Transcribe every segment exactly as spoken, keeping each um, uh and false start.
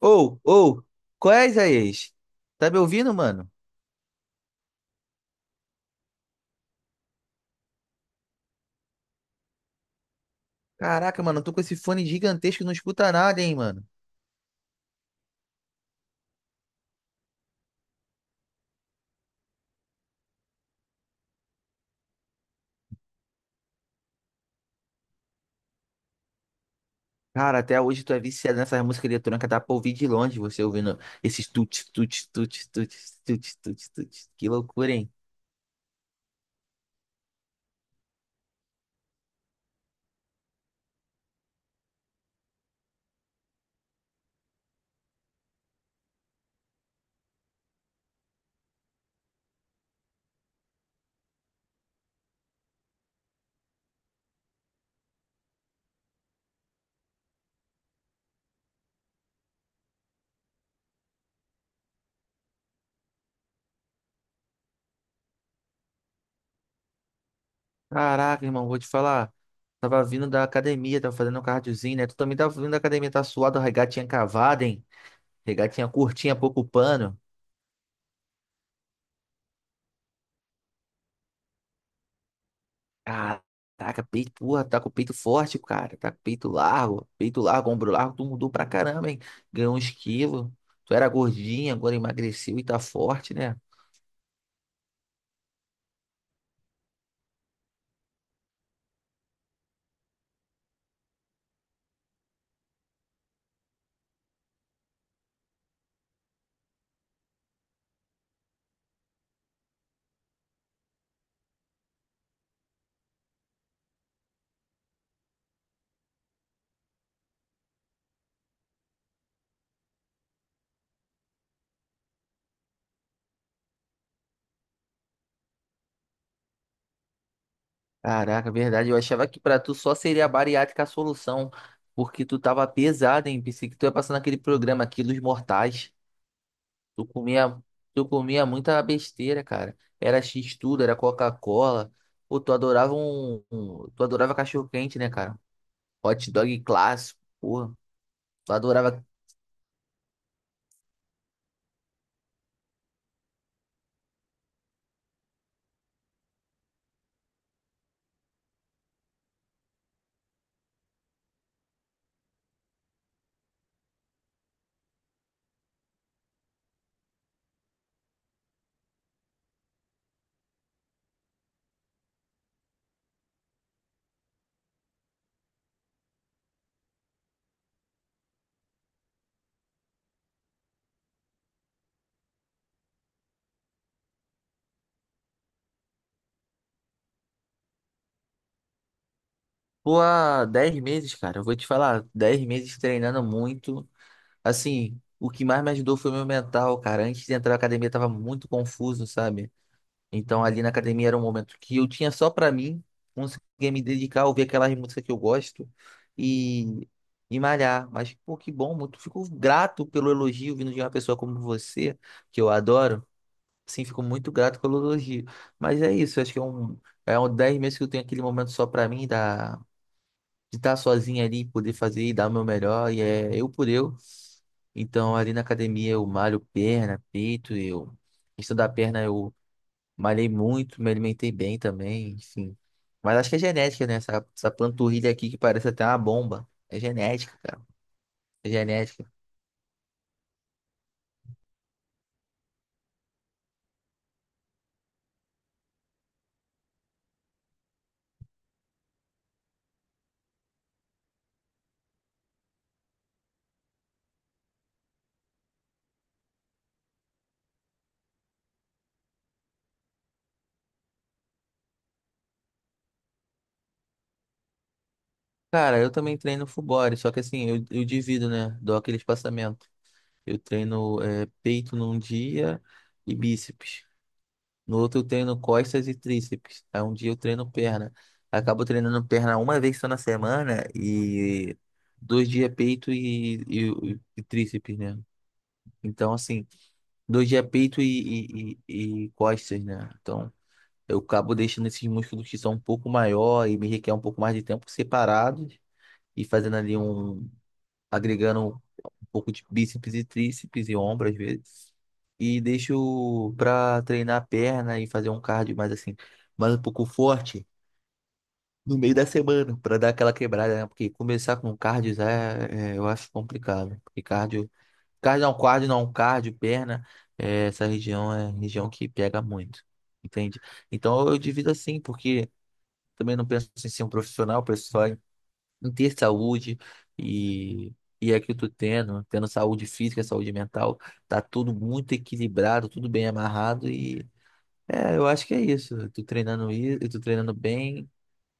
Ou, ou, qual é, Isaías? Tá me ouvindo, mano? Caraca, mano, eu tô com esse fone gigantesco, e não escuta nada, hein, mano? Cara, até hoje tu é viciado nessa música eletrônica, dá pra ouvir de longe você ouvindo esses tut, tut, tut, tut, tut, tut, tut. Que loucura, hein? Caraca, irmão, vou te falar. Tava vindo da academia, tava fazendo um cardiozinho, né? Tu também tava vindo da academia, tá suado, a regatinha cavada, hein? Regatinha curtinha, pouco pano. Caraca, peito, porra, tá com o peito forte, cara. Tá com o peito largo, peito largo, ombro largo. Tu mudou pra caramba, hein? Ganhou uns quilos. Tu era gordinha, agora emagreceu e tá forte, né? Caraca, verdade. Eu achava que pra tu só seria a bariátrica a solução, porque tu tava pesada, hein? Pensei que tu ia passar naquele programa Quilos Mortais. Tu comia, tu comia muita besteira, cara. Era X-tudo, era Coca-Cola. Pô, tu adorava um, um- Tu adorava cachorro-quente, né, cara? Hot dog clássico, porra. Eu adorava. Pô, há dez meses, cara. Eu vou te falar, dez meses treinando muito. Assim, o que mais me ajudou foi o meu mental, cara. Antes de entrar na academia, eu tava muito confuso, sabe? Então, ali na academia era um momento que eu tinha só pra mim, conseguia me dedicar, ouvir aquelas músicas que eu gosto e, e malhar. Mas, pô, que bom, muito. Fico grato pelo elogio vindo de uma pessoa como você, que eu adoro. Sim, fico muito grato pelo elogio. Mas é isso, acho que é um. É um dez meses que eu tenho aquele momento só pra mim, da de estar sozinho ali, poder fazer e dar o meu melhor, e é eu por eu. Então, ali na academia eu malho perna, peito, eu... Questão da perna eu malhei muito, me alimentei bem também, enfim. Mas acho que é genética, né? Essa, essa panturrilha aqui que parece até uma bomba. É genética, cara. É genética. Cara, eu também treino full body, só que assim, eu, eu divido, né? Dou aquele espaçamento. Eu treino é, peito num dia e bíceps. No outro eu treino costas e tríceps. Aí um dia eu treino perna. Acabo treinando perna uma vez só na semana e dois dias peito e, e, e tríceps, né? Então, assim, dois dias peito e, e, e, e costas, né? Então, eu acabo deixando esses músculos que são um pouco maior e me requer um pouco mais de tempo separados e fazendo ali um, agregando um pouco de bíceps e tríceps e ombro às vezes. E deixo pra treinar a perna e fazer um cardio mais assim, mais um pouco forte no meio da semana, pra dar aquela quebrada, né? Porque começar com cardio já é, é, eu acho complicado. Porque cardio, cardio não, cardio não, cardio, perna, é, essa região é região que pega muito, entende? Então eu divido assim, porque também não penso em ser um profissional, penso só em ter saúde e, e é que eu tô tendo, tendo saúde física, saúde mental, tá tudo muito equilibrado, tudo bem amarrado e é, eu acho que é isso. Eu tô treinando isso, eu tô treinando bem,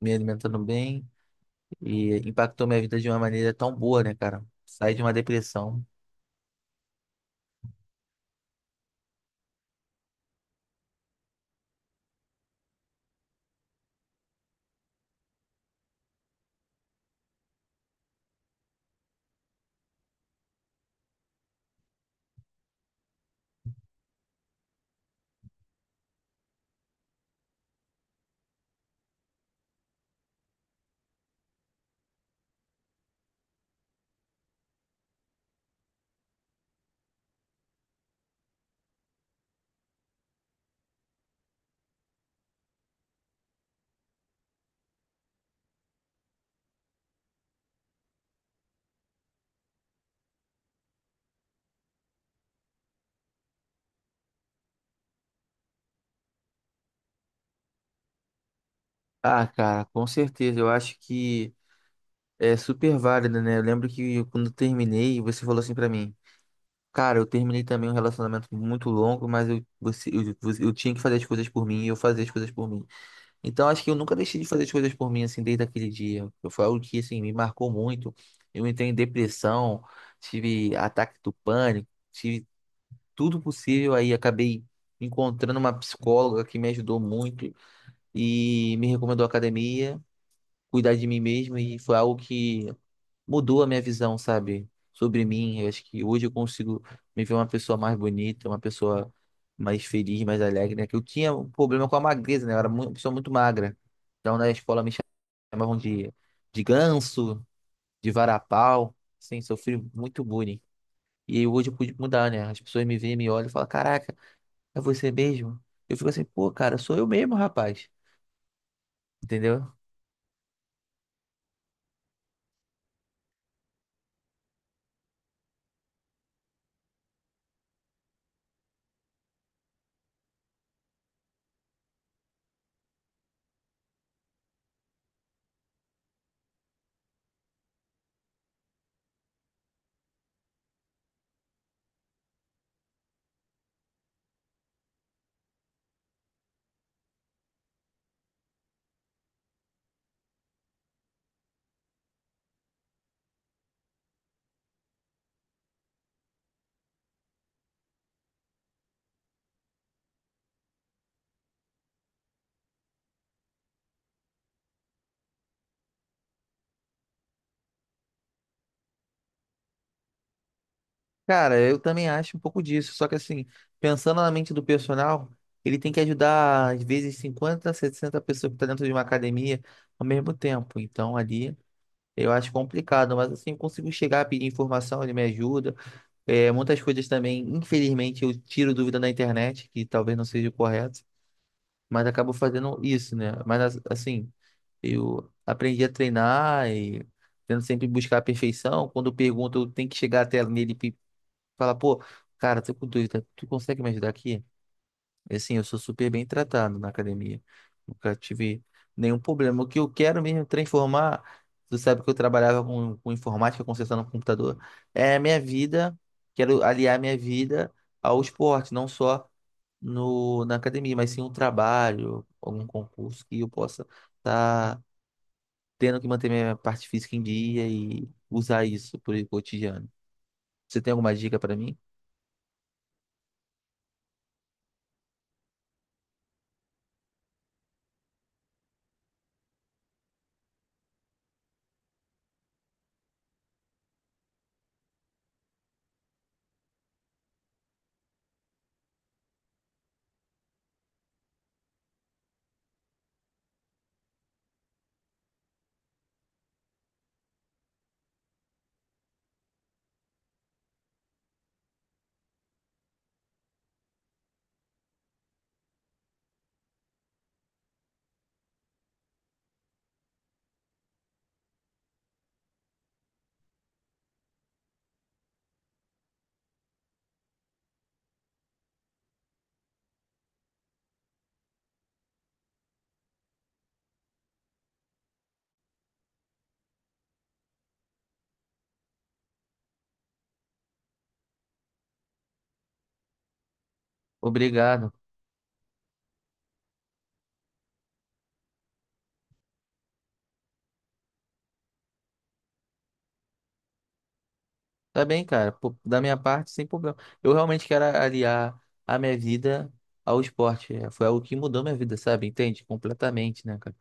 me alimentando bem e impactou minha vida de uma maneira tão boa, né, cara? Saí de uma depressão. Ah, cara, com certeza, eu acho que é super válido, né? Eu lembro que quando eu terminei, você falou assim pra mim. Cara, eu terminei também um relacionamento muito longo, mas eu, você, eu, você- eu tinha que fazer as coisas por mim e eu fazia as coisas por mim. Então, acho que eu nunca deixei de fazer as coisas por mim, assim, desde aquele dia. Foi algo que, assim, me marcou muito. Eu entrei em depressão, tive ataque do pânico, tive tudo possível. Aí, acabei encontrando uma psicóloga que me ajudou muito e me recomendou a academia, cuidar de mim mesmo. E foi algo que mudou a minha visão, sabe, sobre mim. Eu acho que hoje eu consigo me ver uma pessoa mais bonita, uma pessoa mais feliz, mais alegre, né? Que eu tinha um problema com a magreza, né? Eu era mu- uma pessoa muito magra. Então, na escola me chamavam de, de ganso, de varapau, assim, sofri muito bullying. E aí hoje eu pude mudar, né? As pessoas me veem, me olham e falam, caraca, é você mesmo? Eu fico assim, pô, cara, sou eu mesmo, rapaz. Entendeu? Cara, eu também acho um pouco disso, só que assim, pensando na mente do personal, ele tem que ajudar às vezes cinquenta sessenta pessoas que estão dentro de uma academia ao mesmo tempo. Então ali eu acho complicado, mas assim, eu consigo chegar a pedir informação, ele me ajuda. É, muitas coisas também, infelizmente, eu tiro dúvida na internet, que talvez não seja o correto, mas acabo fazendo isso, né? Mas as- assim, eu aprendi a treinar e tento sempre buscar a perfeição. Quando eu pergunto, eu tenho que chegar até nele. Fala, pô, cara, tô com dúvida, tu consegue me ajudar aqui? E, assim, eu sou super bem tratado na academia. Nunca tive nenhum problema. O que eu quero mesmo é transformar, tu sabe que eu trabalhava com, com informática, consertando computador, é a minha vida, quero aliar minha vida ao esporte, não só no, na academia, mas sim um trabalho, algum concurso que eu possa estar tendo que manter minha parte física em dia e usar isso pro cotidiano. Você tem alguma dica para mim? Obrigado. Tá bem, cara. Pô, da minha parte, sem problema. Eu realmente quero aliar a minha vida ao esporte. É, foi algo que mudou minha vida, sabe? Entende? Completamente, né, cara?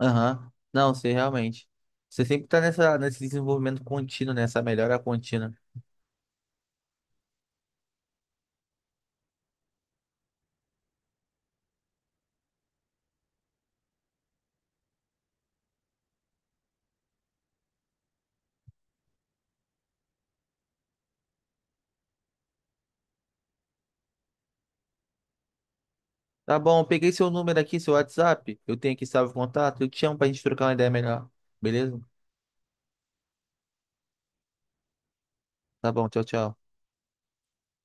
Aham. Não, você realmente. Você sempre tá nessa, nesse desenvolvimento contínuo, nessa melhora contínua. Tá bom, eu peguei seu número aqui, seu WhatsApp. Eu tenho aqui salvo contato. Eu te chamo pra gente trocar uma ideia melhor. Beleza? Tá bom, tchau, tchau.